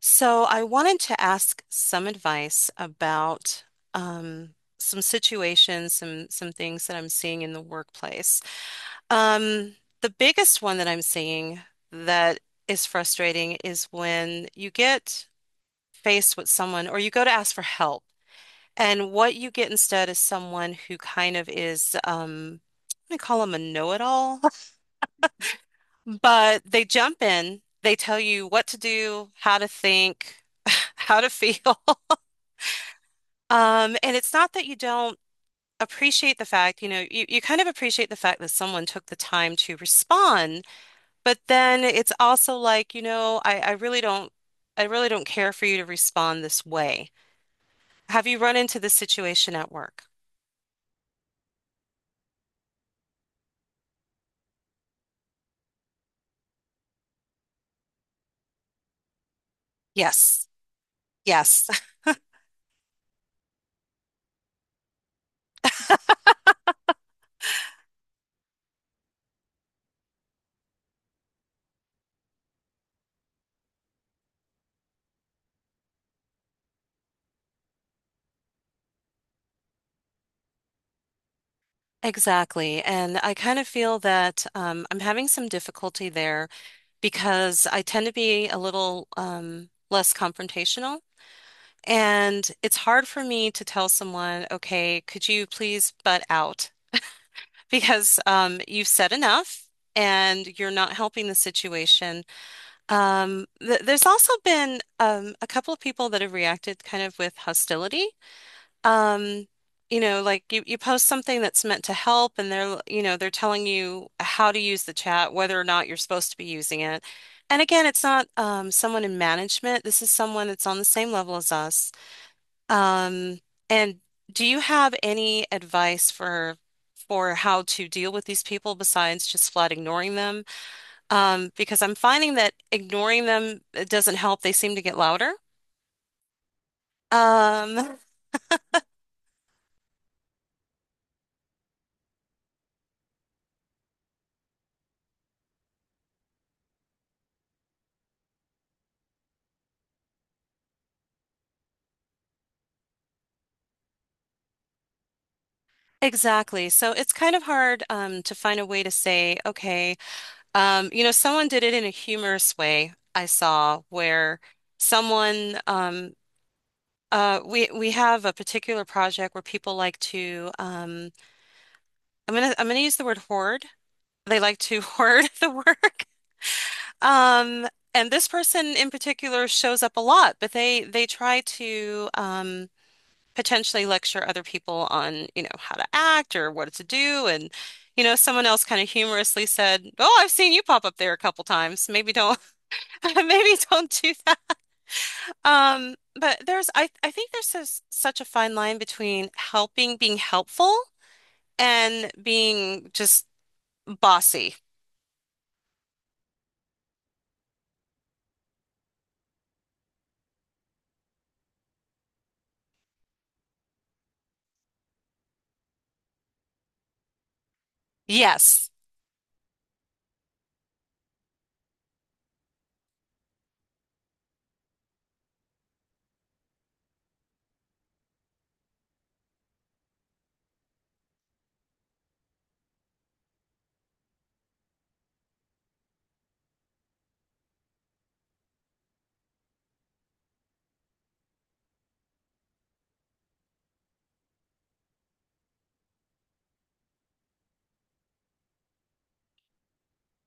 So I wanted to ask some advice about um, some situations, some things that I'm seeing in the workplace. Um, the biggest one that I'm seeing that is frustrating is when you get faced with someone or you go to ask for help, and what you get instead is someone who kind of is I call them a know-it-all, but they jump in, they tell you what to do, how to think, how to feel. And it's not that you don't appreciate the fact, you know, you kind of appreciate the fact that someone took the time to respond, but then it's also like, you know, I really don't care for you to respond this way. Have you run into this situation at work? Yes. Yes, exactly. And I kind of feel that I'm having some difficulty there because I tend to be a little less confrontational. And it's hard for me to tell someone, okay, could you please butt out? Because you've said enough and you're not helping the situation. Th there's also been a couple of people that have reacted kind of with hostility. Um, you know, like you post something that's meant to help and they're, you know, they're telling you how to use the chat, whether or not you're supposed to be using it. And again, it's not someone in management. This is someone that's on the same level as us. Um, and do you have any advice for how to deal with these people besides just flat ignoring them? Because I'm finding that ignoring them it doesn't help. They seem to get louder. Um, exactly. So it's kind of hard to find a way to say, okay, you know, someone did it in a humorous way. I saw where someone we have a particular project where people like to I'm gonna use the word hoard. They like to hoard the work. Um, and this person in particular shows up a lot, but they try to potentially lecture other people on, you know, how to act or what to do. And, you know, someone else kind of humorously said, "Oh, I've seen you pop up there a couple times. Maybe don't, maybe don't do that." But I think there's this, such a fine line between helping, being helpful, and being just bossy. Yes,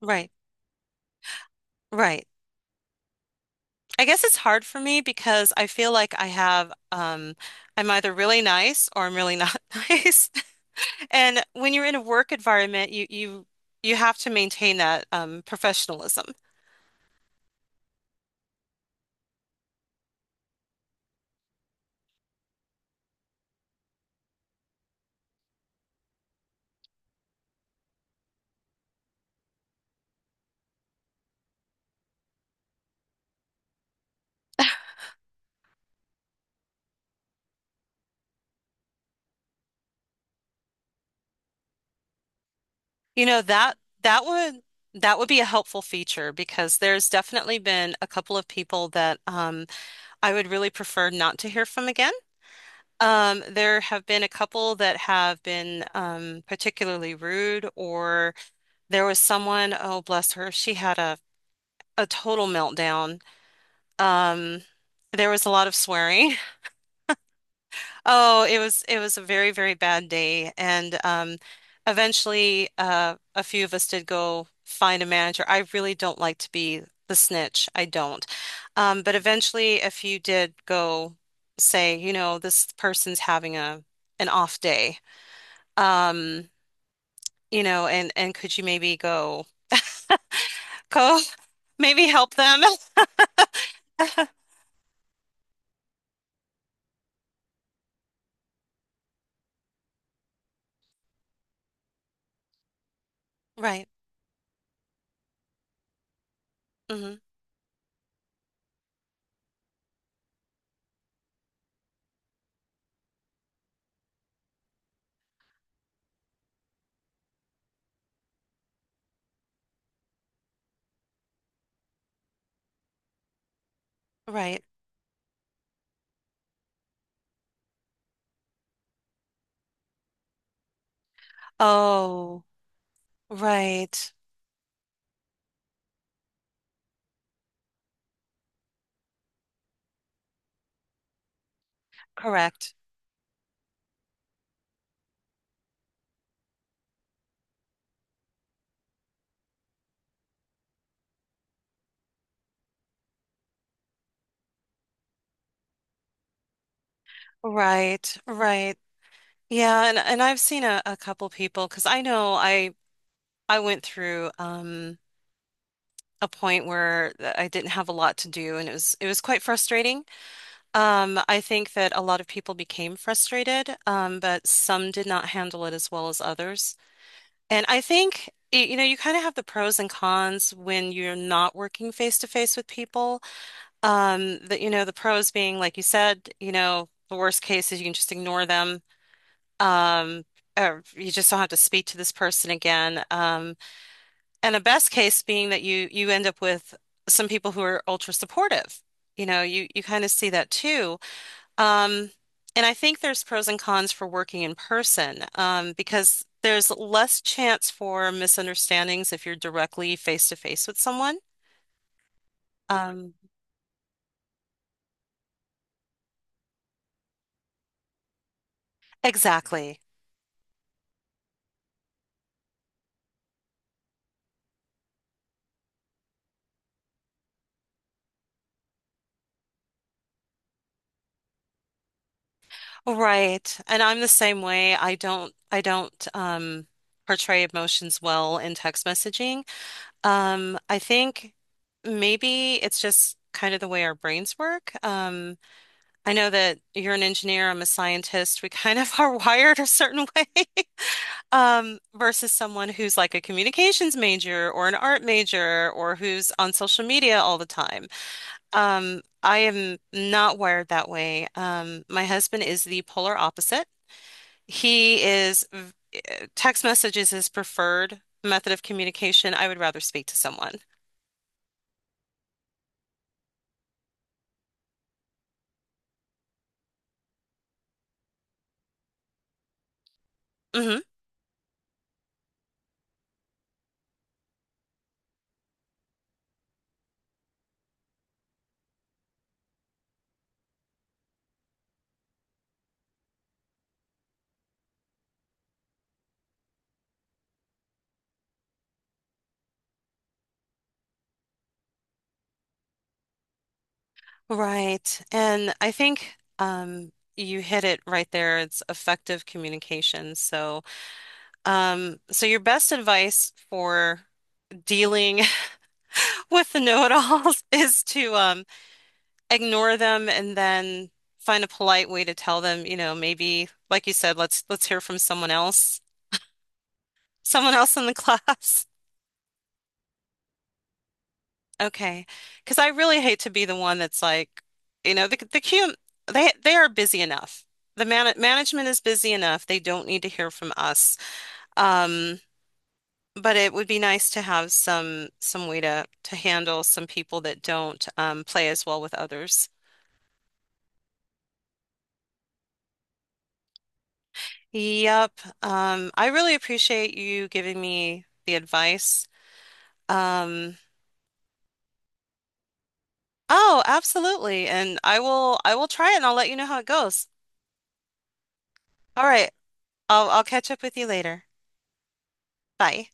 right, right. I guess it's hard for me because I feel like I have I'm either really nice or I'm really not nice. And when you're in a work environment, you you have to maintain that professionalism. You know, that would that would be a helpful feature because there's definitely been a couple of people that I would really prefer not to hear from again. There have been a couple that have been particularly rude, or there was someone, oh, bless her, she had a total meltdown. Um, there was a lot of swearing. Oh, it was a very, very bad day. And eventually a few of us did go find a manager. I really don't like to be the snitch. I don't. But eventually a few did go say, you know, this person's having a an off day. Um, you know, and could you maybe go go maybe help them? Right. Hmm. Right. Oh. Right. Correct. Right. Right. Yeah, and I've seen a couple people because I know I went through a point where I didn't have a lot to do and it was quite frustrating. I think that a lot of people became frustrated, but some did not handle it as well as others. And I think you know you kind of have the pros and cons when you're not working face to face with people. That you know, the pros being, like you said, you know, the worst case is you can just ignore them. Um, or you just don't have to speak to this person again. And the best case being that you end up with some people who are ultra supportive. You know, you kind of see that too. Um, and I think there's pros and cons for working in person, because there's less chance for misunderstandings if you're directly face to face with someone. Um, exactly. Right. And I'm the same way. I don't portray emotions well in text messaging. I think maybe it's just kind of the way our brains work. I know that you're an engineer, I'm a scientist. We kind of are wired a certain way. Versus someone who's like a communications major or an art major or who's on social media all the time. Um, I am not wired that way. Um, my husband is the polar opposite. He is, text message is his preferred method of communication. I would rather speak to someone. Hmm. Right. And I think you hit it right there. It's effective communication. So, so your best advice for dealing with the know-it-alls is to ignore them and then find a polite way to tell them, you know, maybe, like you said, let's hear from someone else in the class. Okay. Because I really hate to be the one that's like, you know, the Q, they are busy enough. The management is busy enough. They don't need to hear from us. Um, but it would be nice to have some way to handle some people that don't play as well with others. Yep. I really appreciate you giving me the advice. Um, oh, absolutely. And I will try it and I'll let you know how it goes. All right. I'll catch up with you later. Bye.